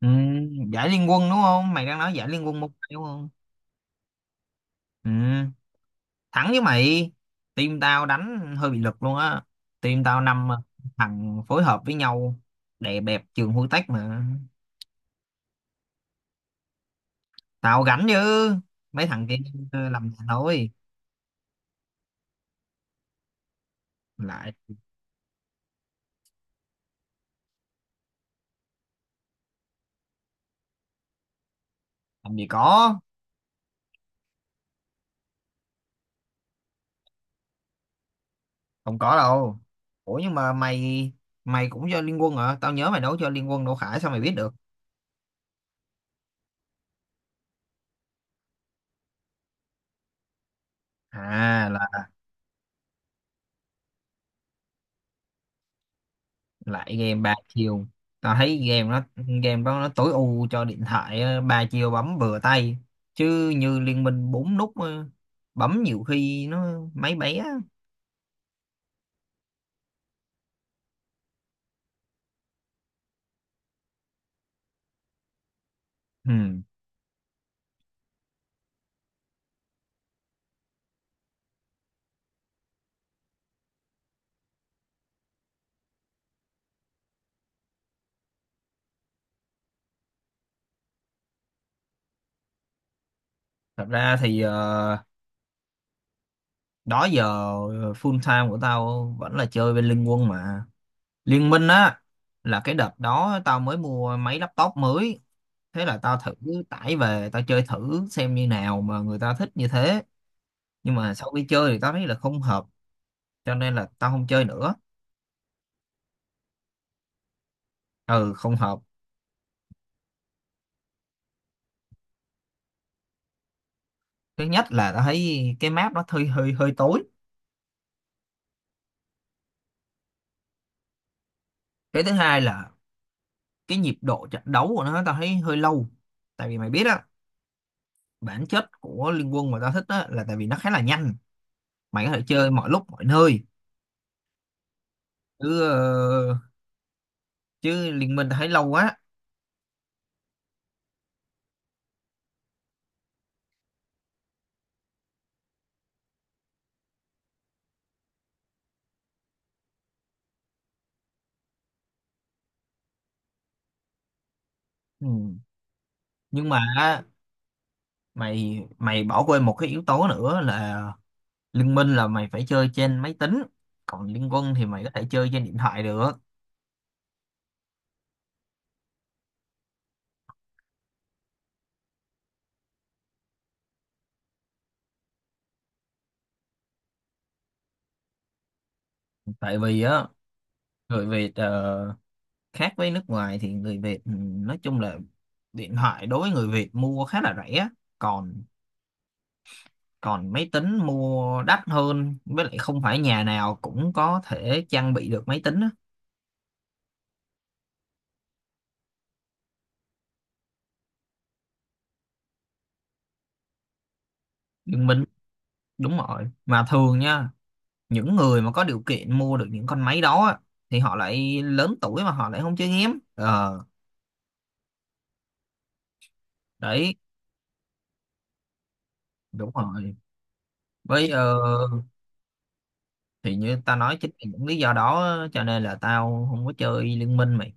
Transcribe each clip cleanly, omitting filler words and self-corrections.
Ừ, giải liên quân đúng không? Mày đang nói giải liên quân mobile đúng không? Ừ, thắng với mày. Team tao đánh hơi bị lực luôn á. Team tao năm thằng phối hợp với nhau đẹp đẹp trường hôi tách mà. Tao gánh chứ. Mấy thằng kia làm nhà thôi. Lại làm gì có, không có đâu. Ủa nhưng mà mày mày cũng cho liên quân hả? Tao nhớ mày đấu cho liên quân Đỗ Khải sao mày biết được? À lại game ba chiều, tao thấy game đó nó tối ưu cho điện thoại á, ba chiều bấm vừa tay, chứ như Liên Minh bốn nút á, bấm nhiều khi nó máy bé á. Ừ. Thật ra thì đó giờ full time của tao vẫn là chơi bên Liên Quân mà. Liên Minh á là cái đợt đó tao mới mua máy laptop mới, thế là tao thử tải về tao chơi thử xem như nào mà người ta thích như thế, nhưng mà sau khi chơi thì tao thấy là không hợp, cho nên là tao không chơi nữa. Ừ không hợp. Thứ nhất là tao thấy cái map nó hơi hơi hơi tối. Cái thứ hai là cái nhịp độ trận đấu của nó tao thấy hơi lâu. Tại vì mày biết á, bản chất của Liên Quân mà tao thích á là tại vì nó khá là nhanh, mày có thể chơi mọi lúc mọi nơi, chứ ờ, chứ Liên Minh tao thấy lâu quá. Ừ. Nhưng mà á, mày mày bỏ quên một cái yếu tố nữa là Liên Minh là mày phải chơi trên máy tính, còn Liên Quân thì mày có thể chơi trên điện thoại được. Tại vì á Bởi vì khác với nước ngoài thì người Việt nói chung là điện thoại đối với người Việt mua khá là rẻ, còn còn máy tính mua đắt hơn, với lại không phải nhà nào cũng có thể trang bị được máy tính á. Đừng minh đúng rồi, mà thường nha những người mà có điều kiện mua được những con máy đó á, thì họ lại lớn tuổi mà họ lại không chơi game ờ Đấy đúng rồi với, thì như ta nói chính vì những lý do đó cho nên là tao không có chơi Liên Minh mày.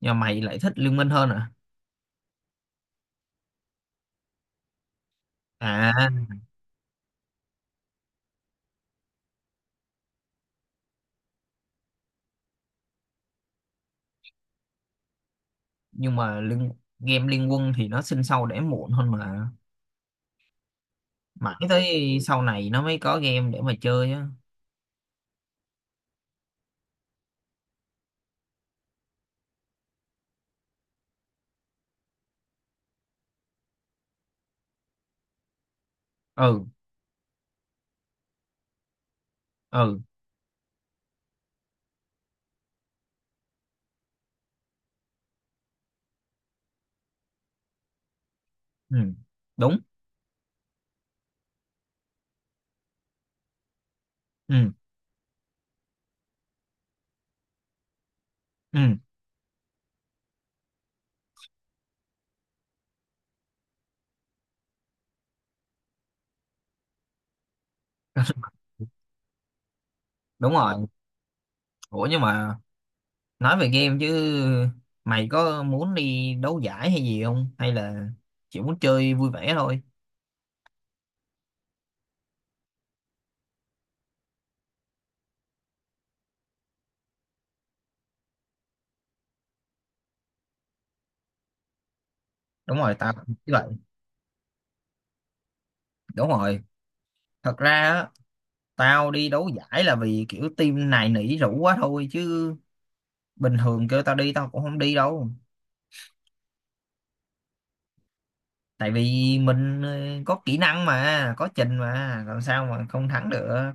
Nhưng mà mày lại thích Liên Minh hơn à? À nhưng mà game Liên Quân thì nó sinh sau đẻ muộn hơn mà, mãi tới sau này nó mới có game để mà chơi á. Ừ. Ừ. Ừ, đúng. Ừ. Ừ, đúng rồi. Ủa nhưng mà nói về game chứ, mày có muốn đi đấu giải hay gì không, hay là chỉ muốn chơi vui vẻ thôi? Đúng rồi tao cũng nghĩ vậy. Đúng rồi, thật ra á, tao đi đấu giải là vì kiểu team này nỉ rủ quá thôi, chứ bình thường kêu tao đi tao cũng không đi đâu. Tại vì mình có kỹ năng mà có trình mà làm sao mà không thắng được.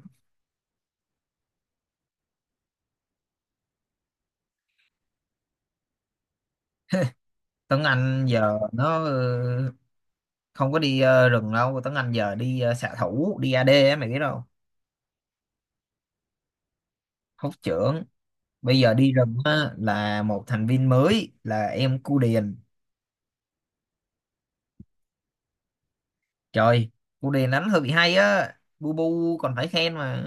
Tuấn Anh giờ nó không có đi rừng đâu. Tuấn Anh giờ đi xạ thủ đi AD á mày biết đâu. Hốt trưởng bây giờ đi rừng á, là một thành viên mới là em Cu Điền. Trời, Cu Điền đánh hơi bị hay á, Bu Bu còn phải khen mà.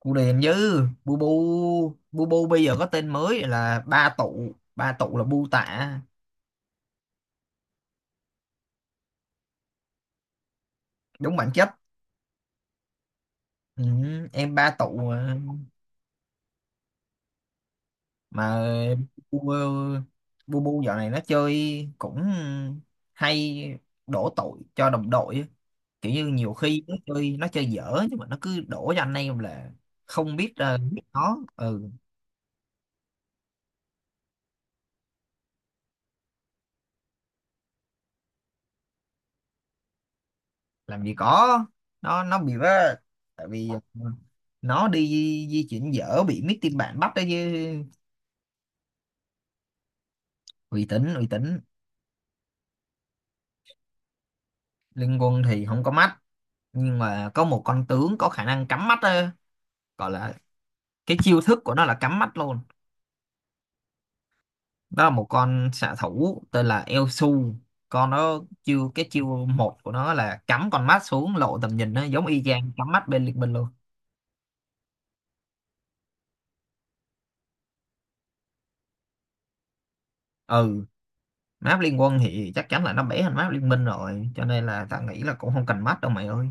Cu Điền chứ Bu Bu bây giờ có tên mới là ba tụ, ba tụ là Bu Tạ. Đúng bản chất. Ừ, em ba tụ mà. Mà bu ờ, bu bu dạo này nó chơi cũng hay đổ tội cho đồng đội á. Kiểu như nhiều khi nó chơi dở nhưng mà nó cứ đổ cho anh em là không biết biết nó ừ. Làm gì có, nó bị vớ. Tại vì nó đi di chuyển dở bị mấy team bạn bắt đó chứ. Uy tín uy tín. Liên quân thì không có mắt nhưng mà có một con tướng có khả năng cắm mắt á, gọi là cái chiêu thức của nó là cắm mắt luôn. Đó là một con xạ thủ tên là Eo. Con nó chiêu cái chiêu một của nó là cắm con mắt xuống lộ tầm nhìn, nó giống y chang cắm mắt bên liên minh luôn. Ừ. Map liên quân thì chắc chắn là nó bẻ hơn map liên minh rồi, cho nên là ta nghĩ là cũng không cần mắt đâu mày ơi.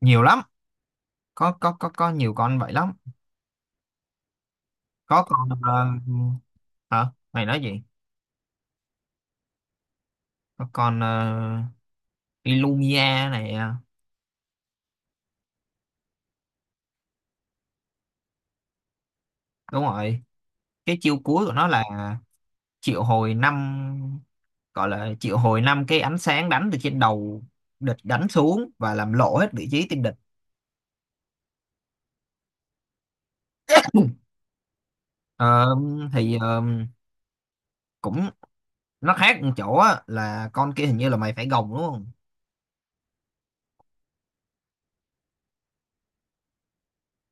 Nhiều lắm. Có nhiều con vậy lắm. Có con hả mày nói gì? Có con Illumia này à? Đúng rồi, cái chiêu cuối của nó là triệu hồi năm, gọi là triệu hồi năm cái ánh sáng đánh từ trên đầu địch đánh xuống và làm lộ hết vị trí tên địch. Ờ, thì cũng nó khác một chỗ á, là con kia hình như là mày phải gồng đúng không?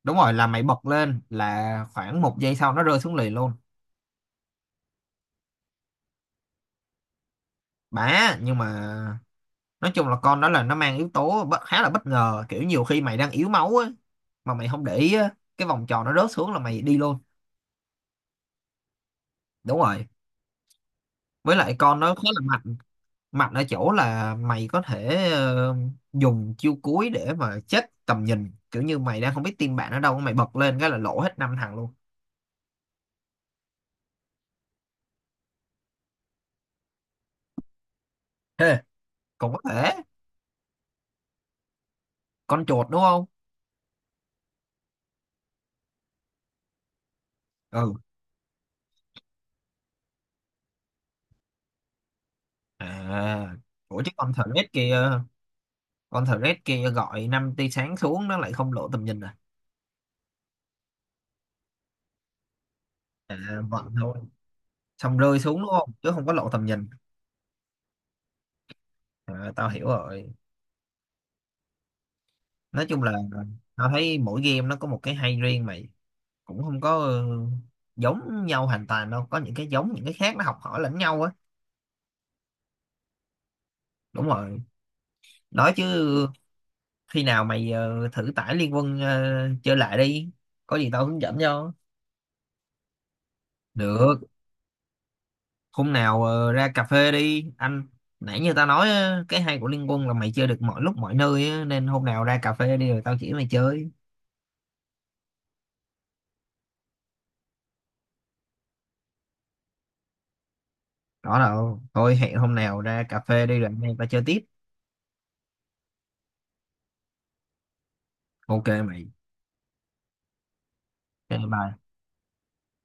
Đúng rồi, là mày bật lên là khoảng 1 giây sau nó rơi xuống liền luôn. Bả nhưng mà nói chung là con đó là nó mang yếu tố khá là bất ngờ, kiểu nhiều khi mày đang yếu máu á mà mày không để ý á, cái vòng tròn nó rớt xuống là mày đi luôn. Đúng rồi, với lại con nó khá là mạnh. Mạnh ở chỗ là mày có thể dùng chiêu cuối để mà chết tầm nhìn, kiểu như mày đang không biết team bạn ở đâu mày bật lên cái là lỗ hết năm thằng luôn. Hê, cũng có thể. Con chuột đúng không? Ừ. À ủa chứ kia con thờ kia gọi năm tia sáng xuống nó lại không lộ tầm nhìn à? À vận thôi, xong rơi xuống đúng không, chứ không có lộ tầm nhìn. À, tao hiểu rồi. Nói chung là tao thấy mỗi game nó có một cái hay riêng mày, cũng không có giống nhau hoàn toàn đâu, có những cái giống những cái khác nó học hỏi lẫn nhau á. Đúng rồi. Nói chứ khi nào mày thử tải Liên Quân chơi lại đi, có gì tao hướng dẫn cho. Được, hôm nào ra cà phê đi anh. Nãy như tao nói á, cái hay của Liên Quân là mày chơi được mọi lúc mọi nơi á, nên hôm nào ra cà phê đi rồi tao chỉ mày chơi. Đó đâu thôi, hẹn hôm nào ra cà phê đi rồi anh em tao chơi tiếp. Ok mày. Ok, bye.